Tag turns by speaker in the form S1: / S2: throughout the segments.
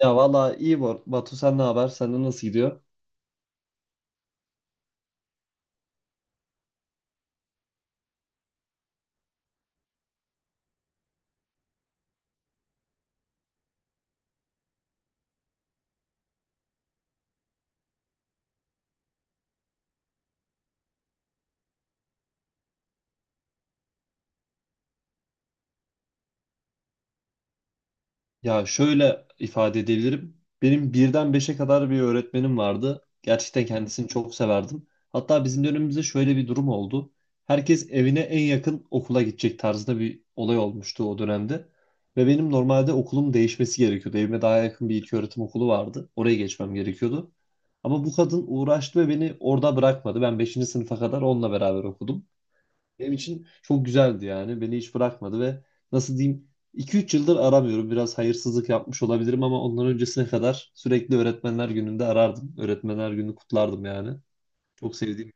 S1: Ya valla iyi Batu, sen ne haber? Sende nasıl gidiyor? Ya şöyle ifade edebilirim. Benim birden beşe kadar bir öğretmenim vardı. Gerçekten kendisini çok severdim. Hatta bizim dönemimizde şöyle bir durum oldu. Herkes evine en yakın okula gidecek tarzında bir olay olmuştu o dönemde. Ve benim normalde okulum değişmesi gerekiyordu. Evime daha yakın bir ilköğretim okulu vardı. Oraya geçmem gerekiyordu. Ama bu kadın uğraştı ve beni orada bırakmadı. Ben beşinci sınıfa kadar onunla beraber okudum. Benim için çok güzeldi yani. Beni hiç bırakmadı ve nasıl diyeyim, iki üç yıldır aramıyorum. Biraz hayırsızlık yapmış olabilirim ama ondan öncesine kadar sürekli öğretmenler gününde arardım. Öğretmenler günü kutlardım yani. Çok sevdiğim.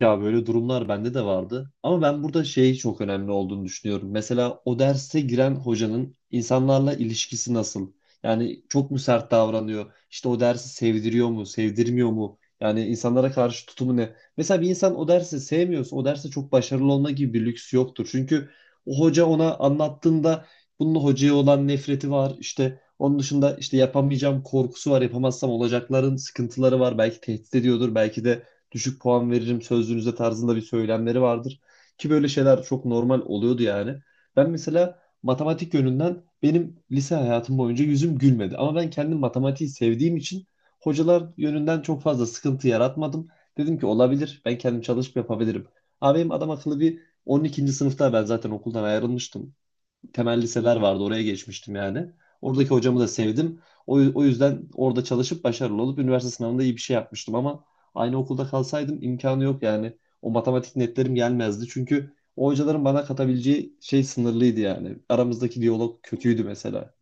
S1: Ya böyle durumlar bende de vardı. Ama ben burada şey çok önemli olduğunu düşünüyorum. Mesela o derse giren hocanın insanlarla ilişkisi nasıl? Yani çok mu sert davranıyor? İşte o dersi sevdiriyor mu, sevdirmiyor mu? Yani insanlara karşı tutumu ne? Mesela bir insan o dersi sevmiyorsa o derste çok başarılı olma gibi bir lüks yoktur. Çünkü o hoca ona anlattığında bunun hocaya olan nefreti var. İşte onun dışında işte yapamayacağım korkusu var. Yapamazsam olacakların sıkıntıları var. Belki tehdit ediyordur. Belki de düşük puan veririm sözlüğünüzde tarzında bir söylemleri vardır. Ki böyle şeyler çok normal oluyordu yani. Ben mesela matematik yönünden benim lise hayatım boyunca yüzüm gülmedi. Ama ben kendim matematiği sevdiğim için hocalar yönünden çok fazla sıkıntı yaratmadım. Dedim ki olabilir, ben kendim çalışıp yapabilirim. Abi benim adam akıllı bir 12. sınıfta ben zaten okuldan ayrılmıştım, temel liseler vardı. Oraya geçmiştim yani. Oradaki hocamı da sevdim. O yüzden orada çalışıp başarılı olup üniversite sınavında iyi bir şey yapmıştım ama aynı okulda kalsaydım imkanı yok yani. O matematik netlerim gelmezdi. Çünkü o hocaların bana katabileceği şey sınırlıydı yani. Aramızdaki diyalog kötüydü mesela.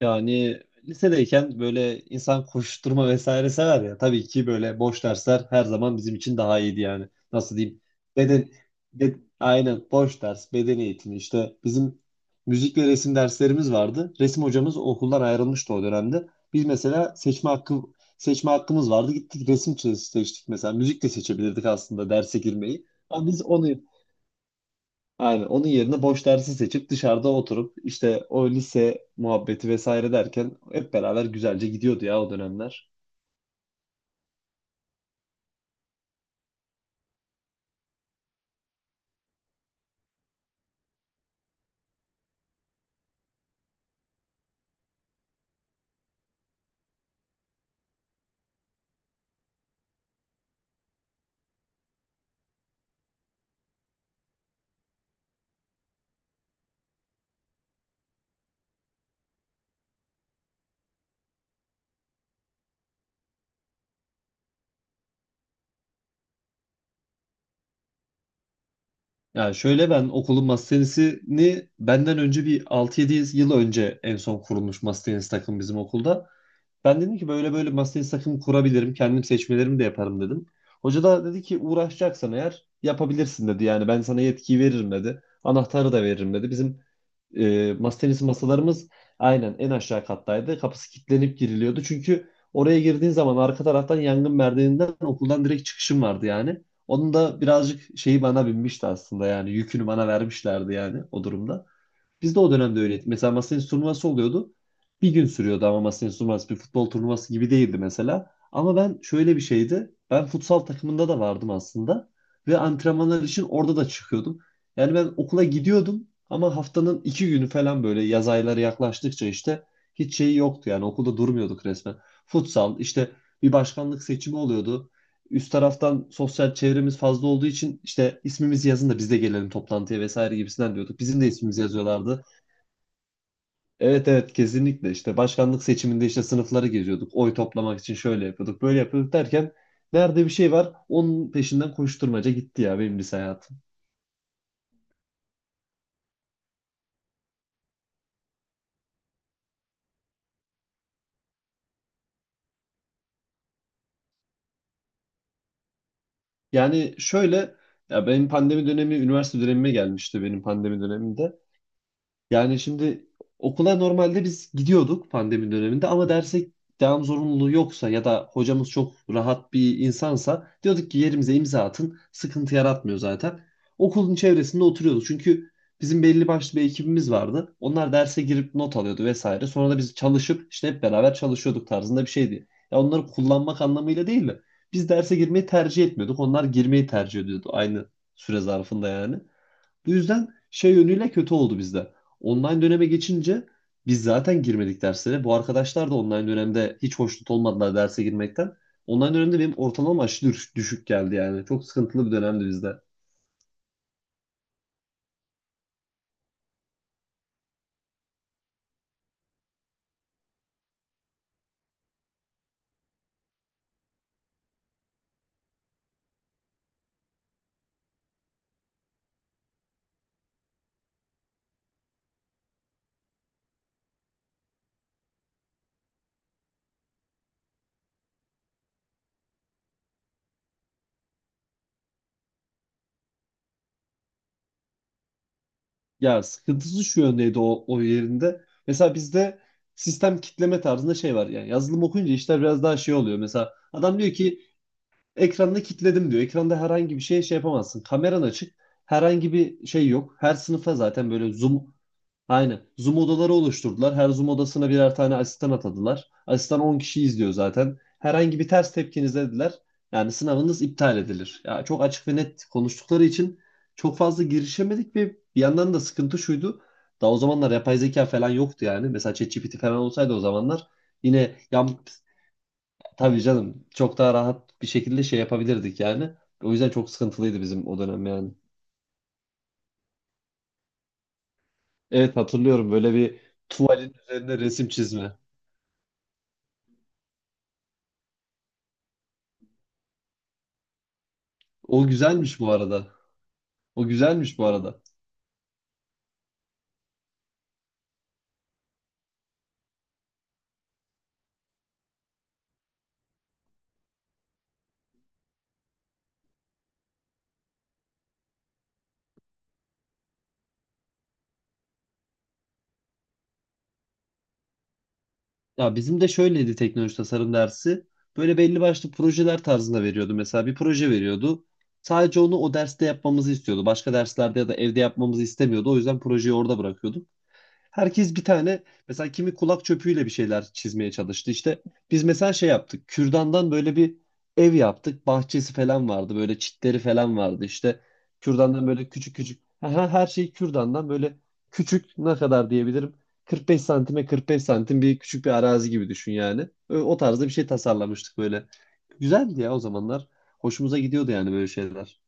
S1: Yani lisedeyken böyle insan koşturma vesaire sever ya. Tabii ki böyle boş dersler her zaman bizim için daha iyiydi yani. Nasıl diyeyim? Beden, aynen boş ders, beden eğitimi, işte bizim müzik ve resim derslerimiz vardı. Resim hocamız okuldan ayrılmıştı o dönemde. Biz mesela seçme hakkımız vardı. Gittik resim seçtik mesela. Müzik de seçebilirdik aslında derse girmeyi. Ama biz onu. Aynen. Onun yerine boş dersi seçip dışarıda oturup işte o lise muhabbeti vesaire derken hep beraber güzelce gidiyordu ya o dönemler. Yani şöyle, ben okulun masa tenisini benden önce bir altı yedi yıl önce en son kurulmuş masa tenisi takım bizim okulda. Ben dedim ki böyle böyle masayı sakın kurabilirim. Kendim seçmelerimi de yaparım dedim. Hoca da dedi ki uğraşacaksan eğer yapabilirsin dedi. Yani ben sana yetkiyi veririm dedi. Anahtarı da veririm dedi. Bizim masa tenisi masalarımız aynen en aşağı kattaydı. Kapısı kilitlenip giriliyordu. Çünkü oraya girdiğin zaman arka taraftan yangın merdiveninden okuldan direkt çıkışım vardı yani. Onun da birazcık şeyi bana binmişti aslında, yani yükünü bana vermişlerdi yani o durumda. Biz de o dönemde öyleydi. Mesela masa tenisi turnuvası oluyordu. Bir gün sürüyordu ama masa tenisi turnuvası bir futbol turnuvası gibi değildi mesela. Ama ben şöyle bir şeydi. Ben futsal takımında da vardım aslında. Ve antrenmanlar için orada da çıkıyordum. Yani ben okula gidiyordum ama haftanın iki günü falan böyle yaz ayları yaklaştıkça işte hiç şeyi yoktu. Yani okulda durmuyorduk resmen. Futsal, işte bir başkanlık seçimi oluyordu. Üst taraftan sosyal çevremiz fazla olduğu için işte ismimizi yazın da biz de gelelim toplantıya vesaire gibisinden diyorduk. Bizim de ismimizi yazıyorlardı. Evet evet, kesinlikle işte başkanlık seçiminde işte sınıfları geziyorduk. Oy toplamak için şöyle yapıyorduk böyle yapıyorduk derken nerede bir şey var onun peşinden koşturmaca gitti ya benim lise hayatım. Yani şöyle, ya benim pandemi dönemi üniversite dönemime gelmişti, benim pandemi döneminde. Yani şimdi okula normalde biz gidiyorduk pandemi döneminde ama derse devam zorunluluğu yoksa ya da hocamız çok rahat bir insansa diyorduk ki yerimize imza atın. Sıkıntı yaratmıyor zaten. Okulun çevresinde oturuyorduk. Çünkü bizim belli başlı bir ekibimiz vardı. Onlar derse girip not alıyordu vesaire. Sonra da biz çalışıp işte hep beraber çalışıyorduk tarzında bir şeydi. Ya onları kullanmak anlamıyla değil de biz derse girmeyi tercih etmiyorduk. Onlar girmeyi tercih ediyordu aynı süre zarfında yani. Bu yüzden şey yönüyle kötü oldu bizde. Online döneme geçince biz zaten girmedik derslere. Bu arkadaşlar da online dönemde hiç hoşnut olmadılar derse girmekten. Online dönemde benim ortalama aşırı düşük geldi yani. Çok sıkıntılı bir dönemdi bizde. Ya sıkıntısı şu yöndeydi o yerinde. Mesela bizde sistem kitleme tarzında şey var. Yani yazılım okuyunca işler biraz daha şey oluyor. Mesela adam diyor ki ekranını kitledim diyor. Ekranda herhangi bir şey yapamazsın. Kameran açık. Herhangi bir şey yok. Her sınıfa zaten böyle zoom. Aynen. Zoom odaları oluşturdular. Her Zoom odasına birer tane asistan atadılar. Asistan 10 kişi izliyor zaten. Herhangi bir ters tepkiniz dediler. Yani sınavınız iptal edilir. Ya çok açık ve net konuştukları için çok fazla girişemedik ve bir yandan da sıkıntı şuydu. Daha o zamanlar yapay zeka falan yoktu yani. Mesela ChatGPT falan olsaydı o zamanlar yine yam tabii canım çok daha rahat bir şekilde şey yapabilirdik yani. O yüzden çok sıkıntılıydı bizim o dönem yani. Evet hatırlıyorum, böyle bir tuvalin üzerine resim çizme. O güzelmiş bu arada. O güzelmiş bu arada. Ya bizim de şöyleydi teknoloji tasarım dersi. Böyle belli başlı projeler tarzında veriyordu. Mesela bir proje veriyordu. Sadece onu o derste yapmamızı istiyordu. Başka derslerde ya da evde yapmamızı istemiyordu. O yüzden projeyi orada bırakıyorduk. Herkes bir tane mesela kimi kulak çöpüyle bir şeyler çizmeye çalıştı. İşte biz mesela şey yaptık. Kürdandan böyle bir ev yaptık. Bahçesi falan vardı. Böyle çitleri falan vardı. İşte kürdandan böyle küçük küçük. Aha, her şey kürdandan, böyle küçük, ne kadar diyebilirim? 45 santime 45 santim bir küçük bir arazi gibi düşün yani. O tarzda bir şey tasarlamıştık böyle. Güzeldi ya o zamanlar. Hoşumuza gidiyordu yani böyle şeyler.